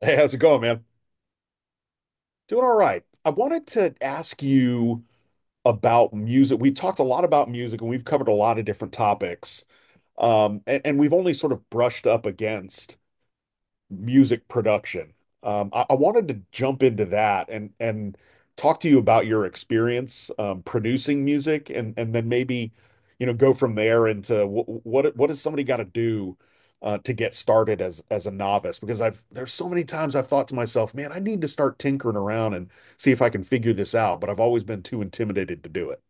Hey, how's it going, man? Doing all right. I wanted to ask you about music. We talked a lot about music and we've covered a lot of different topics. And we've only sort of brushed up against music production. I wanted to jump into that and talk to you about your experience producing music, and then maybe go from there into what does somebody got to do to get started as a novice? Because I've there's so many times I've thought to myself, man, I need to start tinkering around and see if I can figure this out, but I've always been too intimidated to do it.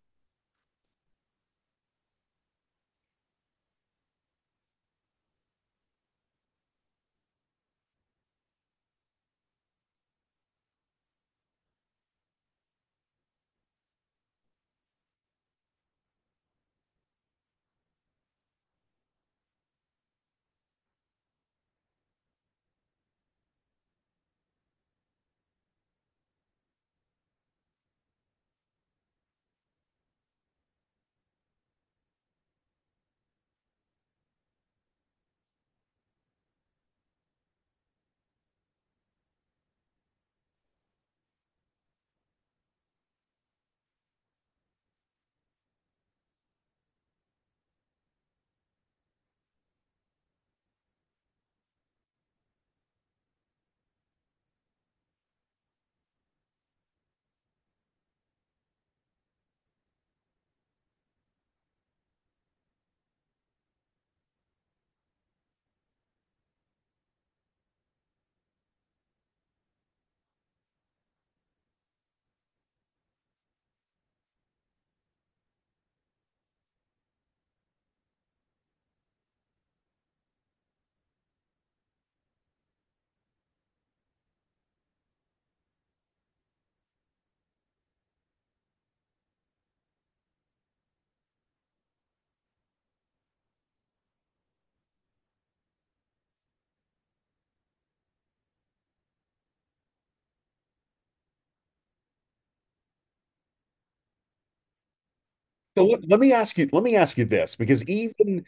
So let, let me ask you, let me ask you this, because even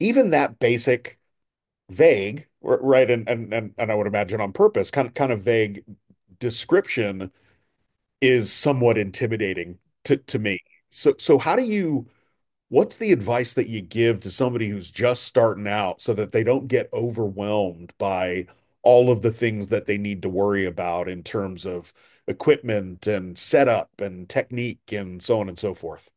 even that basic vague, right, and I would imagine on purpose, kind of vague description is somewhat intimidating to me. So how do you, what's the advice that you give to somebody who's just starting out so that they don't get overwhelmed by all of the things that they need to worry about in terms of equipment and setup and technique and so on and so forth?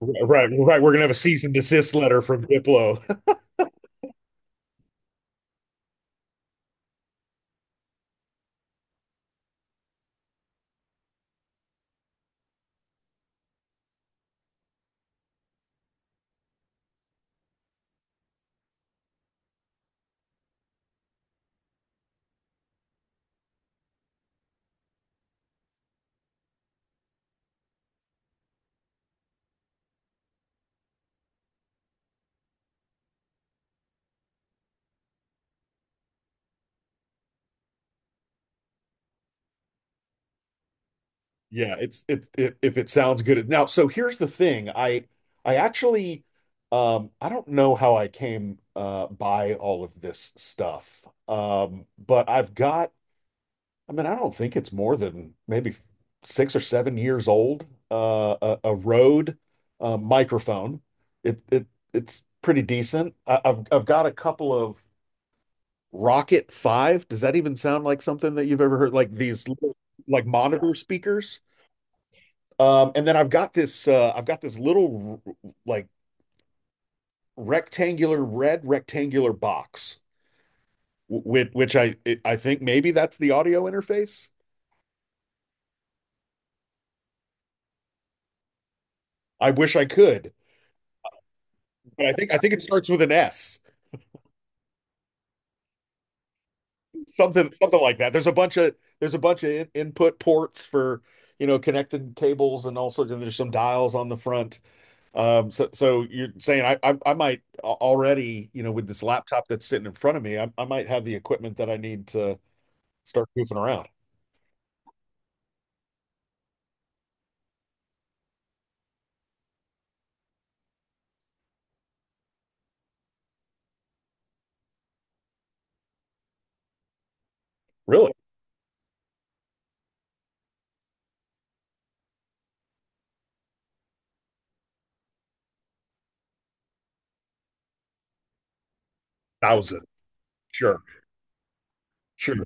Right, right. We're gonna have a cease and desist letter from Diplo. Yeah, if it sounds good. Now, so here's the thing. I actually I don't know how I came by all of this stuff. Um, but I've got, I mean, I don't think it's more than maybe six or seven years old. A Rode microphone. It it it's pretty decent. I've got a couple of Rocket Five. Does that even sound like something that you've ever heard? Like these little, like monitor speakers. And then I've got this little like rectangular red rectangular box, which I think maybe that's the audio interface. I wish I could, but I think it starts with an S. Something something like that. There's a bunch of input ports for you know connected cables and also sorts. There's some dials on the front. So you're saying I might already, you know, with this laptop that's sitting in front of me, I might have the equipment that I need to start goofing around. Really, thousand, sure, sure.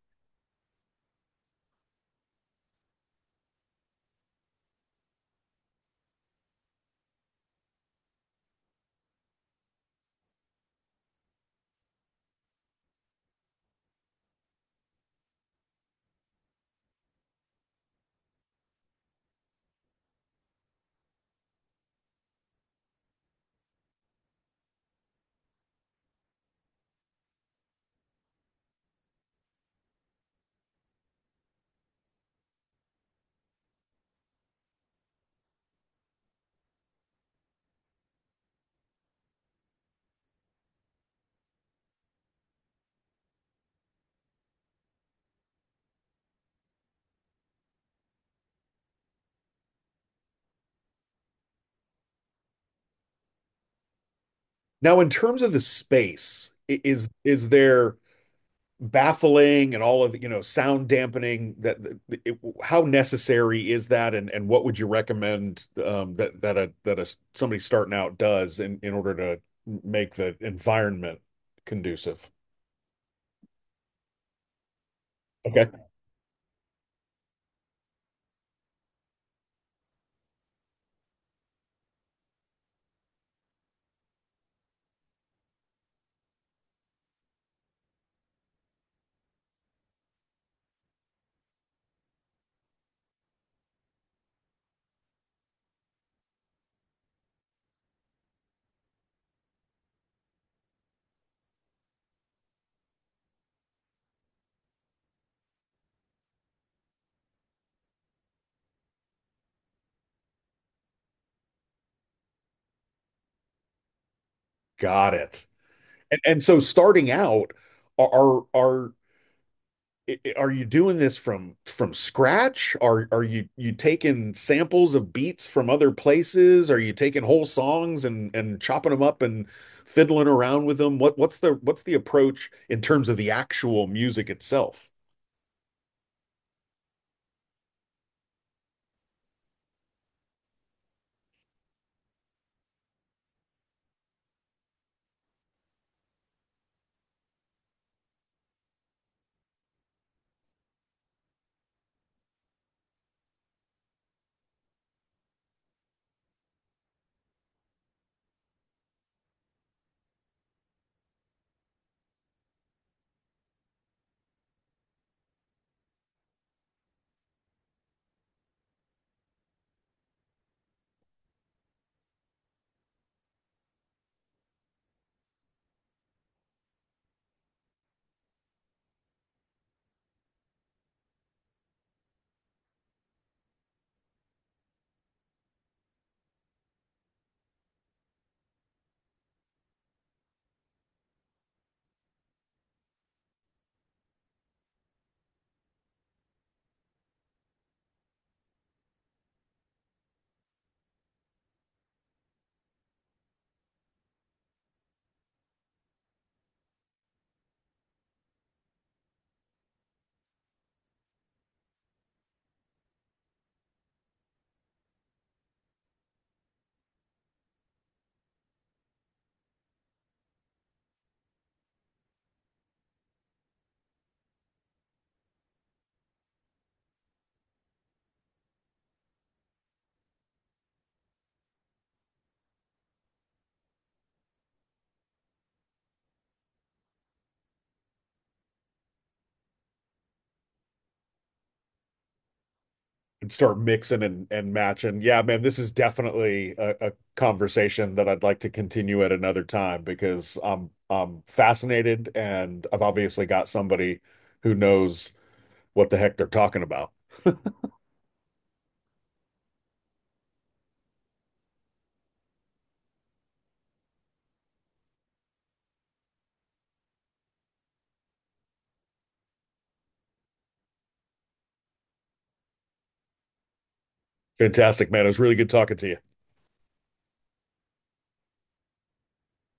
Now in terms of the space, is there baffling and all of the, you know, sound dampening, that it, how necessary is that, and what would you recommend that a somebody starting out does in order to make the environment conducive? Okay. Got it. And so starting out, are are are you doing this from scratch? Are you taking samples of beats from other places? Are you taking whole songs and chopping them up and fiddling around with them? What's the approach in terms of the actual music itself? And start mixing and matching. Yeah, man, this is definitely a conversation that I'd like to continue at another time because I'm fascinated and I've obviously got somebody who knows what the heck they're talking about. Fantastic, man. It was really good talking to you.